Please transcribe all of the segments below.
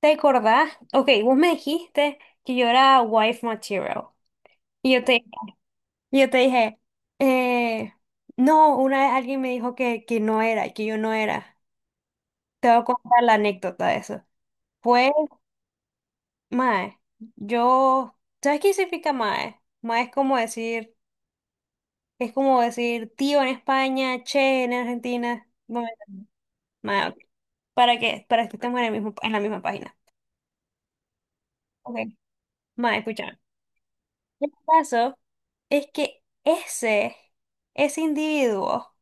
¿Te acordás? Ok, vos me dijiste que yo era wife material. Y yo te, y yo te dije, eh, no, una vez alguien me dijo que no era, que yo no era. Te voy a contar la anécdota de eso. Pues, mae, yo, ¿sabes qué significa mae? Mae es como decir tío en España, che en Argentina. Bueno, mae, ok. ¿Para qué? Para que estemos en el mismo, en la misma página. Ok. Mae, escucha. El caso es que ese individuo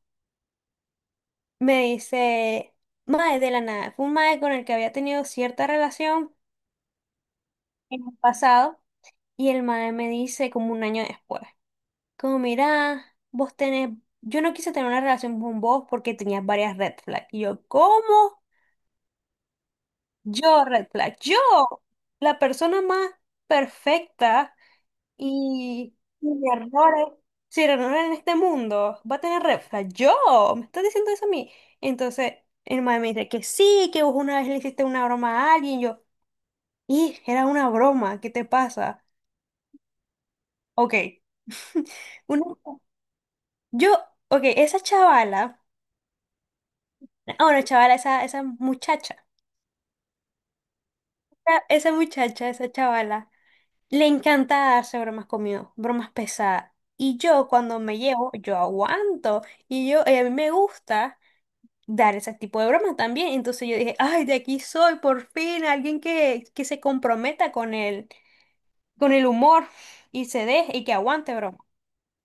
me dice, mae de la nada, fue un mae con el que había tenido cierta relación en el pasado y el mae me dice como un año después, como mira, vos tenés, yo no quise tener una relación con vos porque tenías varias red flags. Y yo, ¿cómo? Yo, red flag, yo, la persona más perfecta y sin errores, sin errores en este mundo, va a tener red flag. Yo, me estás diciendo eso a mí. Entonces, el man me dice que sí, que vos una vez le hiciste una broma a alguien. Yo, y era una broma, ¿qué te pasa? Ok. Una- yo, ok, esa chavala, ah, bueno, chavala, esa muchacha, esa muchacha, esa chavala. Le encanta hacer bromas conmigo, bromas pesadas. Y yo cuando me llevo, yo aguanto. Y yo, a mí me gusta dar ese tipo de bromas también. Entonces yo dije, ay, de aquí soy, por fin, alguien que se comprometa con el humor y se deje y que aguante broma.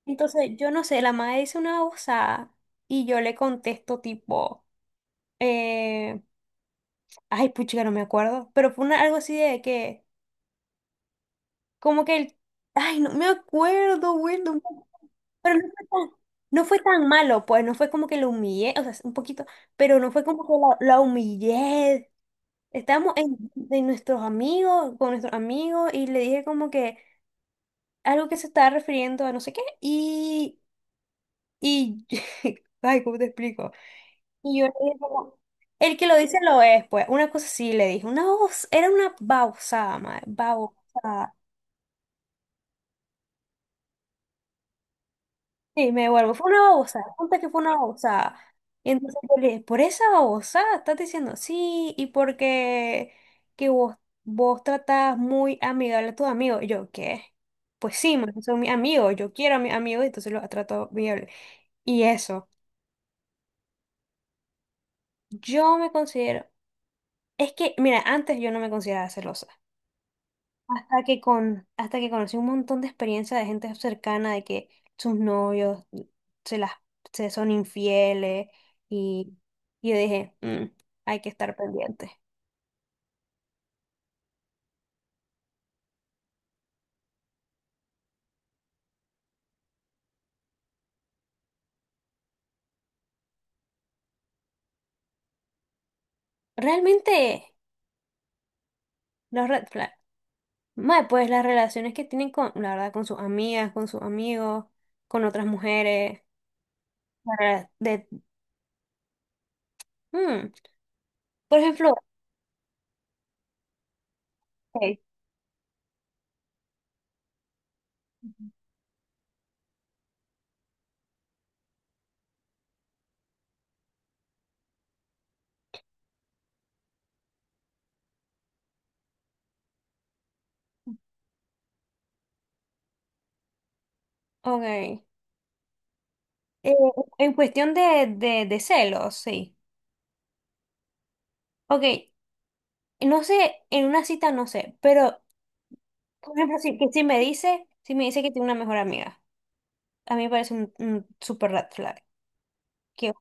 Entonces yo no sé, la madre dice una osada y yo le contesto tipo, eh, ay, puchica, no me acuerdo. Pero fue algo así de que, como que el, ay, no me acuerdo, güey, no. Pero no fue tan, no fue tan malo, pues no fue como que lo humillé, o sea, un poquito, pero no fue como que la humillé. Estábamos en, de nuestros amigos, con nuestros amigos, y le dije como que algo que se estaba refiriendo a no sé qué, y, ay, ¿cómo te explico? Y yo le dije como, el que lo dice lo es, pues, una cosa sí le dije, una voz, era una babosada, madre, babosada. Sí, me vuelvo. Fue una babosada. Ponte que fue una babosada. Y entonces yo le dije, por esa babosada estás diciendo sí, y porque que vos, vos tratás muy amigable a tus amigos. Y yo, ¿qué? Pues sí, man, son mis amigos, yo quiero a mis amigos, entonces los trato amigable. Y eso, yo me considero, es que, mira, antes yo no me consideraba celosa. Hasta que hasta que conocí un montón de experiencias de gente cercana de que sus novios se las se son infieles y, y yo dije, "Mm, hay que estar pendiente. Realmente, los red flags, mae, pues las relaciones que tienen con, la verdad, con sus amigas, con sus amigos, con otras mujeres, la verdad, de, mm, por ejemplo, ok, ok, en cuestión de celos, sí. Ok. No sé, en una cita no sé, pero por ejemplo, que si me dice, si me dice que tiene una mejor amiga, a mí me parece un super red flag. Que,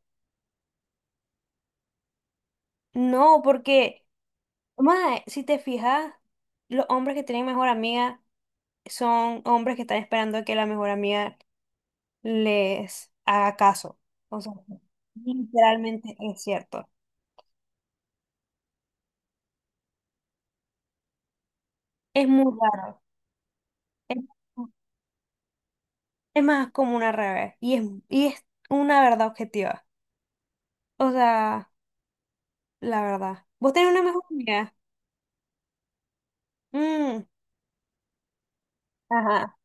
no, porque, mae, si te fijas, los hombres que tienen mejor amiga son hombres que están esperando a que la mejor amiga les haga caso. O sea, literalmente es cierto. Es muy raro. Es, es más como una revés. Y es una verdad objetiva. O sea. La verdad. Vos tenés una mejor amiga. Mm. Ajá.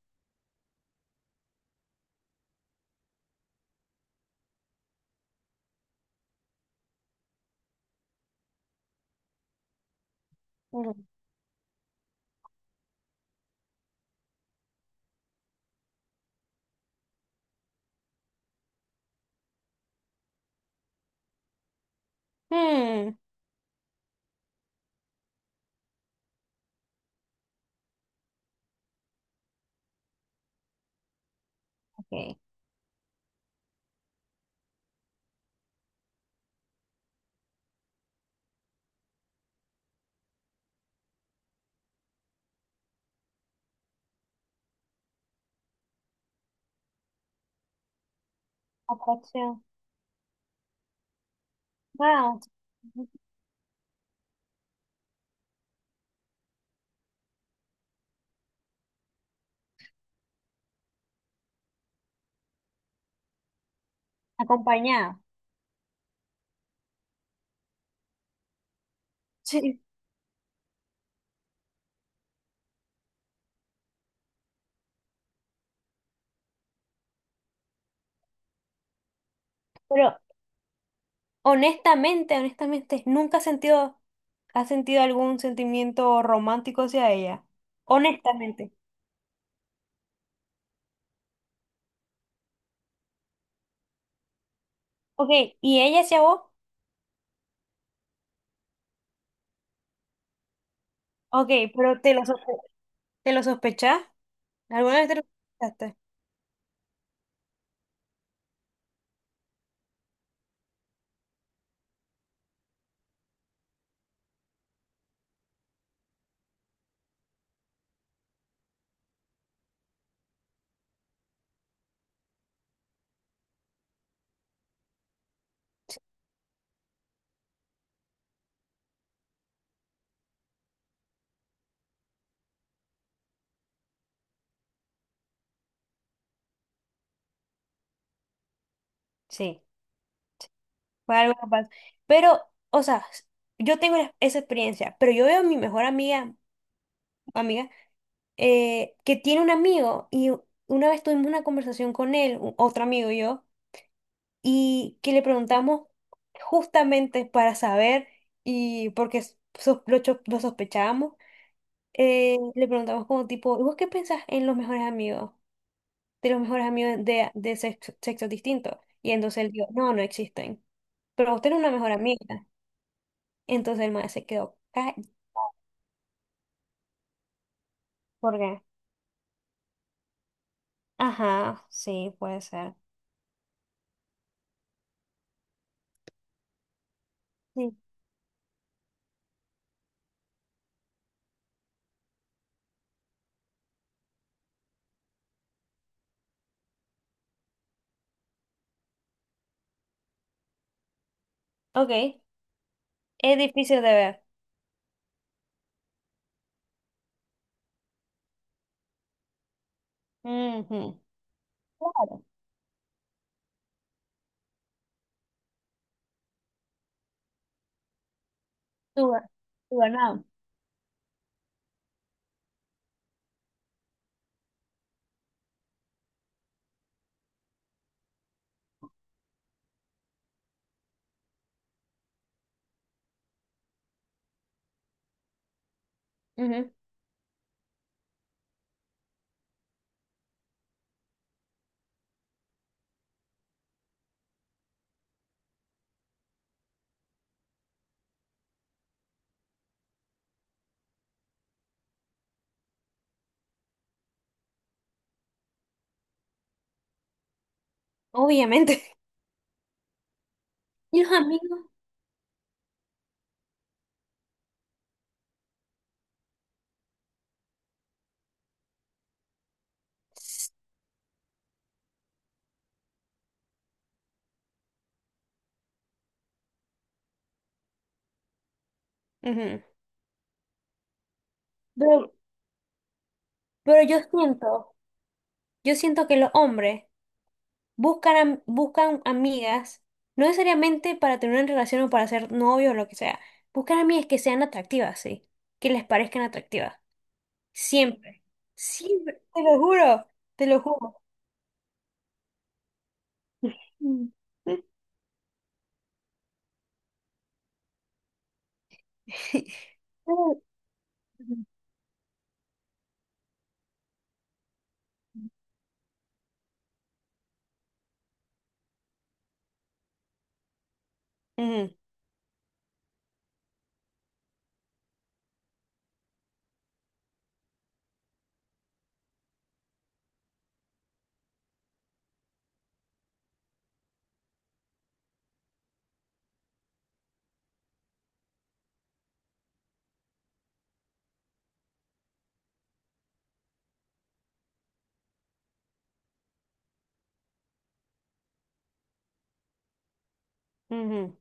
Mm, mm, ok. Atracción. Wow. Acompañada. Sí. Pero honestamente, honestamente, nunca has sentido, has sentido algún sentimiento romántico hacia ella. Honestamente. Ok, ¿y ella hacia vos? Ok, pero te lo, te lo sospechás. ¿Alguna vez te lo sospechaste? Sí, fue algo capaz. Pero, o sea, yo tengo esa experiencia, pero yo veo a mi mejor amiga, amiga. Que tiene un amigo y una vez tuvimos una conversación con él, otro amigo y yo, y que le preguntamos justamente para saber y porque lo, lo sospechábamos, le preguntamos como tipo, ¿y vos qué pensás en los mejores amigos, de los mejores amigos de sexo, sexos distintos? Y entonces él dijo, no, no existen, pero usted es una mejor amiga. Entonces el maestro se quedó callado. ¿Por qué? Ajá, sí, puede ser. Sí. Ok, es difícil de ver. Ujú. Claro, tu, tu ganado. Ujú. Obviamente. Y los amigos. Ujú. Pero, pero yo siento que los hombres buscan, buscan amigas, no necesariamente para tener una relación o para ser novio o lo que sea. Buscan amigas que sean atractivas, sí. Que les parezcan atractivas. Siempre. Siempre. Te lo juro. Te lo juro. Mm. Ujú, ujú. Ujú, ujú.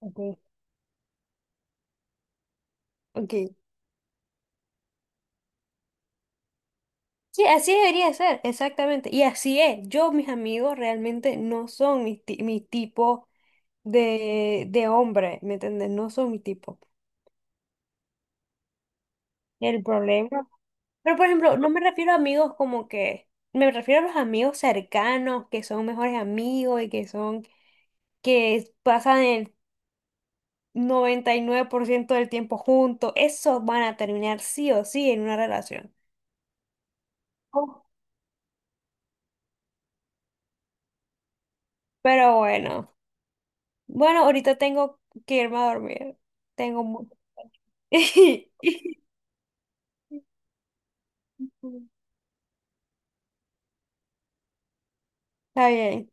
Ok. Ok. Sí, así debería ser, exactamente. Y así es. Yo, mis amigos realmente no son mi, mi tipo de hombre, ¿me entiendes? No son mi tipo. El problema. Pero, por ejemplo, no me refiero a amigos como que, me refiero a los amigos cercanos, que son mejores amigos y que son, que pasan el 99% del tiempo juntos. Esos van a terminar sí o sí en una relación. Oh. Pero bueno. Bueno, ahorita tengo que irme a dormir. Tengo mucho. Está bien.